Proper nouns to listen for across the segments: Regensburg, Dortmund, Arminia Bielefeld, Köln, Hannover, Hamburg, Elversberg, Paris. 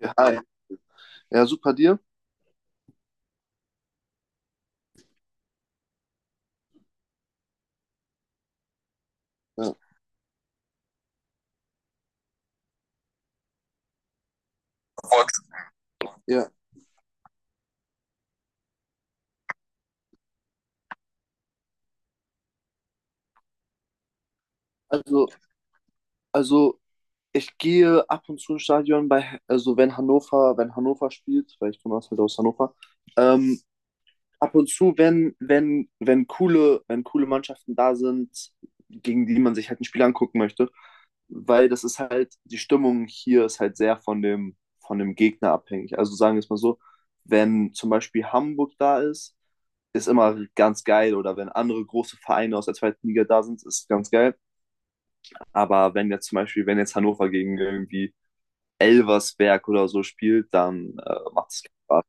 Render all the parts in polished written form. Ja, hi. Ja, super dir. Ja, ja. Also, also ich gehe ab und zu ins Stadion bei, also wenn Hannover spielt, weil ich komme halt aus Hannover, ähm, ab und zu, wenn coole Mannschaften da sind, gegen die man sich halt ein Spiel angucken möchte, weil das ist halt, die Stimmung hier ist halt sehr von dem Gegner abhängig. Also sagen wir es mal so, wenn zum Beispiel Hamburg da ist, ist immer ganz geil, oder wenn andere große Vereine aus der zweiten Liga da sind, ist ganz geil. Aber wenn jetzt zum Beispiel, wenn jetzt Hannover gegen irgendwie Elversberg oder so spielt, dann macht es keinen Spaß.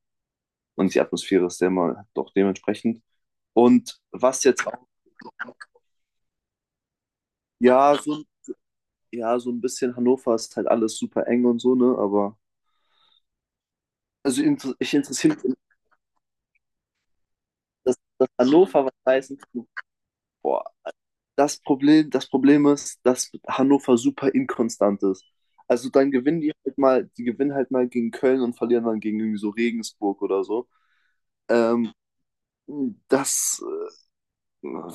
Und die Atmosphäre ist ja immer doch dementsprechend. Und was jetzt auch, ja, so, ja, so ein bisschen. Hannover ist halt alles super eng und so, ne? Aber ich interessiere mich, dass Hannover was heißen kann. Boah, das Problem ist, dass Hannover super inkonstant ist. Also dann gewinnen die halt mal, die gewinnen halt mal gegen Köln und verlieren dann gegen irgendwie so Regensburg oder so. Ähm, Das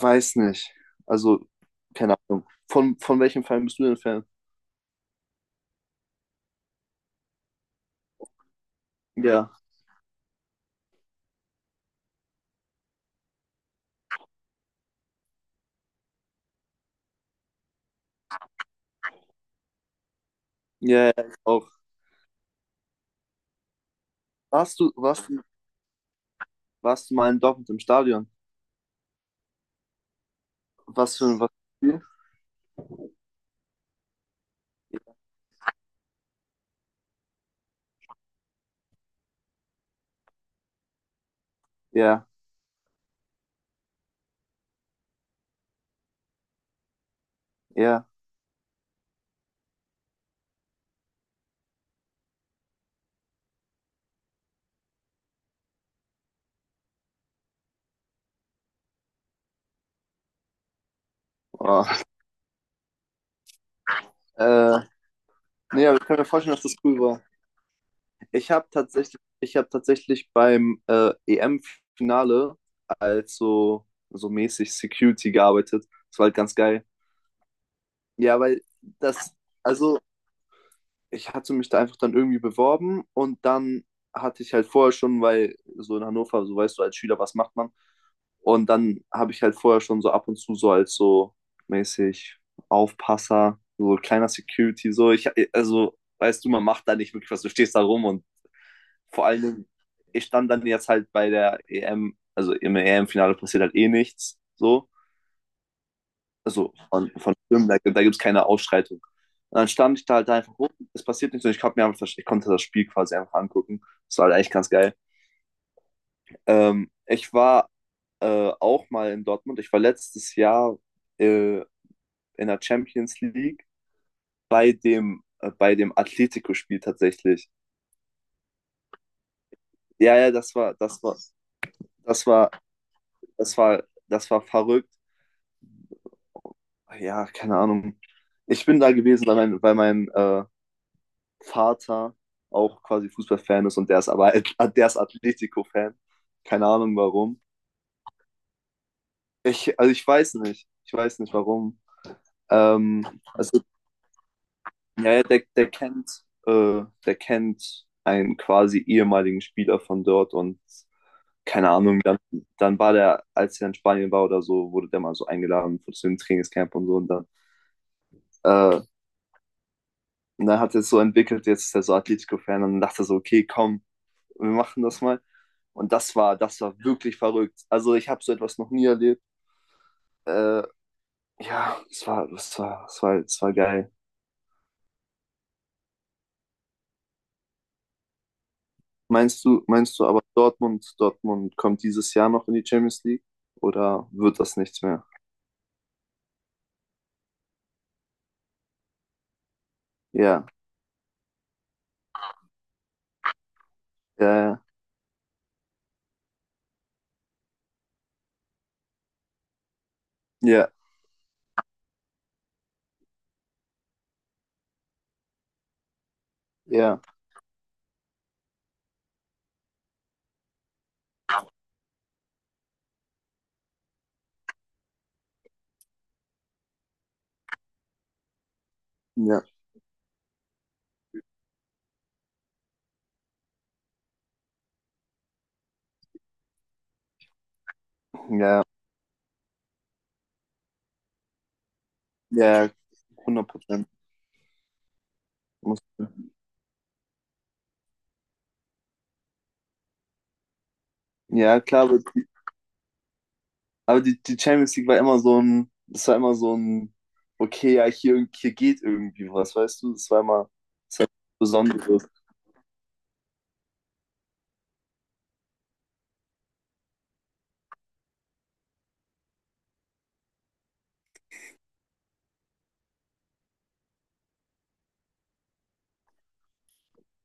weiß nicht. Also, keine Ahnung. Von welchem Verein bist du denn Fan? Ja. Ja, ja, ich auch. Warst du, warst du, warst du mal in Dortmund im Stadion? Was für ein, was für ein Spiel? Ja, ja. Oh. Äh, Nee, aber ich kann mir vorstellen, dass das cool war. Ich habe tatsächlich beim EM-Finale als so, so mäßig Security gearbeitet. Das war halt ganz geil. Ja, weil das, also ich hatte mich da einfach dann irgendwie beworben. Und dann hatte ich halt vorher schon, weil so in Hannover, so weißt du, als Schüler, was macht man? Und dann habe ich halt vorher schon so ab und zu so als so mäßig Aufpasser, so kleiner Security, so ich, also weißt du, man macht da nicht wirklich was, du stehst da rum und vor allen Dingen, ich stand dann jetzt halt bei der EM, also im EM-Finale passiert halt eh nichts. So. Also von Stimmen, da gibt es keine Ausschreitung. Und dann stand ich da halt einfach rum, es passiert nichts und ich hab mir einfach, ich konnte das Spiel quasi einfach angucken. Das war halt echt ganz geil. Ich war auch mal in Dortmund. Ich war letztes Jahr äh, in der Champions League bei bei dem Atletico-Spiel tatsächlich. Ja, ja, das war, das war, das war, das war verrückt. Ja, keine Ahnung. Ich bin da gewesen, weil weil mein Vater auch quasi Fußballfan ist, und der ist aber der ist Atletico-Fan. Keine Ahnung warum. Also ich weiß nicht. Ich weiß nicht warum. Ähm, also, ja, ja, der kennt, der kennt einen quasi ehemaligen Spieler von dort und keine Ahnung, dann, dann war der, als er in Spanien war oder so, wurde der mal so eingeladen zu dem Trainingscamp und so. Und dann äh, und dann hat er es so entwickelt, jetzt ist er so Atletico-Fan und dachte so, okay, komm, wir machen das mal. Und das war wirklich verrückt. Also ich habe so etwas noch nie erlebt. Äh, ja, es war geil. Meinst du aber, Dortmund kommt dieses Jahr noch in die Champions League oder wird das nichts mehr? Ja, ja, ja, ja, ja, ja, ja, 100%. Muss- Ja, klar wird. Aber die, die Champions League war immer so ein, okay, ja, hier, hier geht irgendwie was, weißt du? Das war immer, das war Besonderes.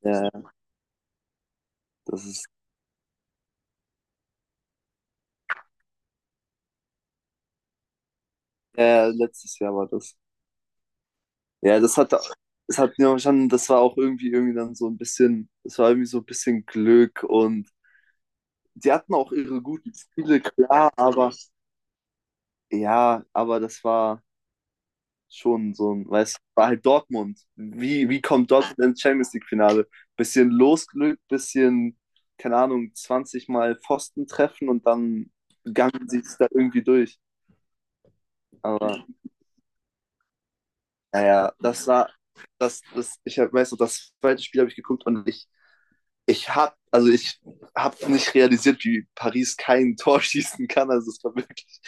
Ja, ja, das ist, ja, ja, letztes Jahr war das. Ja, das hat mir schon, das war auch irgendwie, irgendwie dann so ein bisschen, das war irgendwie so ein bisschen Glück, und die hatten auch ihre guten Spiele, klar, aber ja, aber das war schon so ein, weißt du, war halt Dortmund. Wie kommt Dortmund ins Champions League-Finale? Bisschen Losglück, bisschen, keine Ahnung, 20 Mal Pfosten treffen und dann gangen sie es da irgendwie durch. Aber naja, das war, ich hab, weiß noch, das zweite Spiel habe ich geguckt und ich habe nicht realisiert, wie Paris kein Tor schießen kann. Also es war wirklich,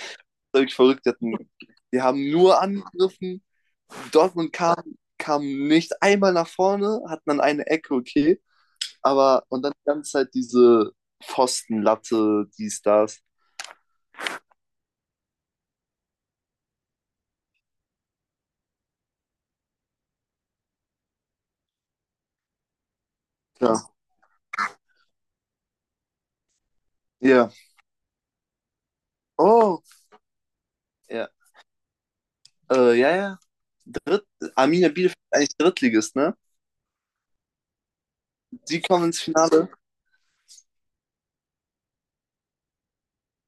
wirklich verrückt. Die hatten, die haben nur angegriffen. Dortmund kam, kam nicht einmal nach vorne, hatten dann eine Ecke, okay. Aber und dann die ganze Zeit diese Pfostenlatte, dies, das. Ja. Ja. Oh. Ja. Ja, ja. Dritt- Arminia Bielefeld ist eigentlich Drittligist, ne? Die kommen ins Finale.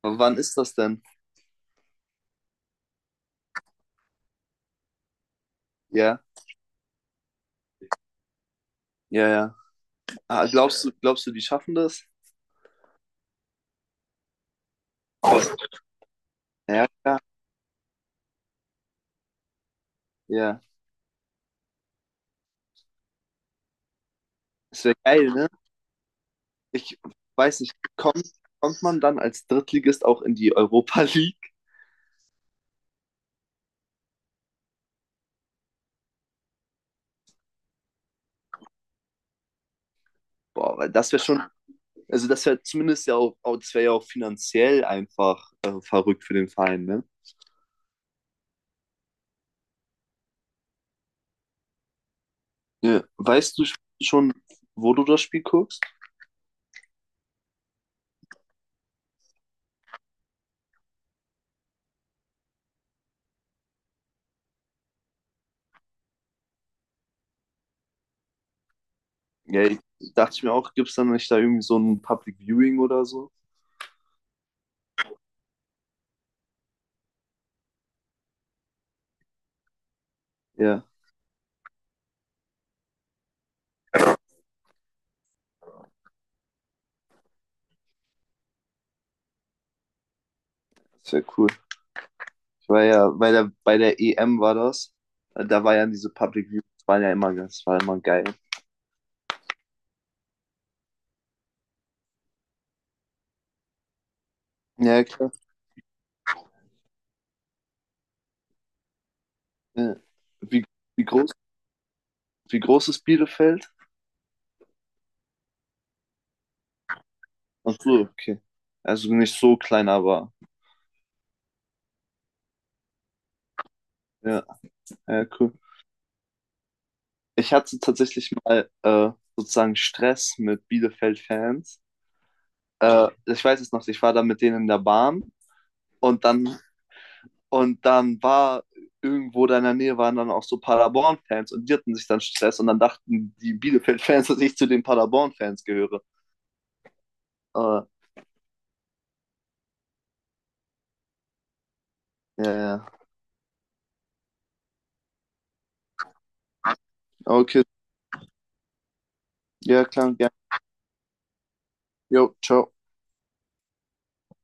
Wann ist das denn? Ja, ja, ja. Ah, glaubst du, die schaffen das? Ja, ja, ja. Es wäre geil, ne? Ich weiß nicht, kommt, kommt man dann als Drittligist auch in die Europa League? Boah, weil das wäre schon, also das wäre zumindest ja auch, das wäre ja auch finanziell einfach verrückt für den Verein, ne? Ja. Weißt du sch- schon, wo du das Spiel guckst? Ja, ich, dachte ich mir auch, gibt es dann nicht da irgendwie so ein Public Viewing oder so? Ja, das wäre cool. Ich war ja bei der EM, war das. Da war ja diese Public Views, waren ja immer, das war immer geil. Ja, klar. Ja. Wie, wie groß, wie groß ist Bielefeld? Ach so, okay. Also nicht so klein, aber ja, ja, cool. Ich hatte tatsächlich mal sozusagen Stress mit Bielefeld-Fans. Ich weiß es noch, ich war da mit denen in der Bahn, und dann, und dann war irgendwo da in der Nähe waren dann auch so Paderborn-Fans, und die hatten sich dann Stress, und dann dachten die Bielefeld-Fans, dass ich zu den Paderborn-Fans gehöre. Aber, ja, ja. Okay, ja, klar, ja. Jo, ciao.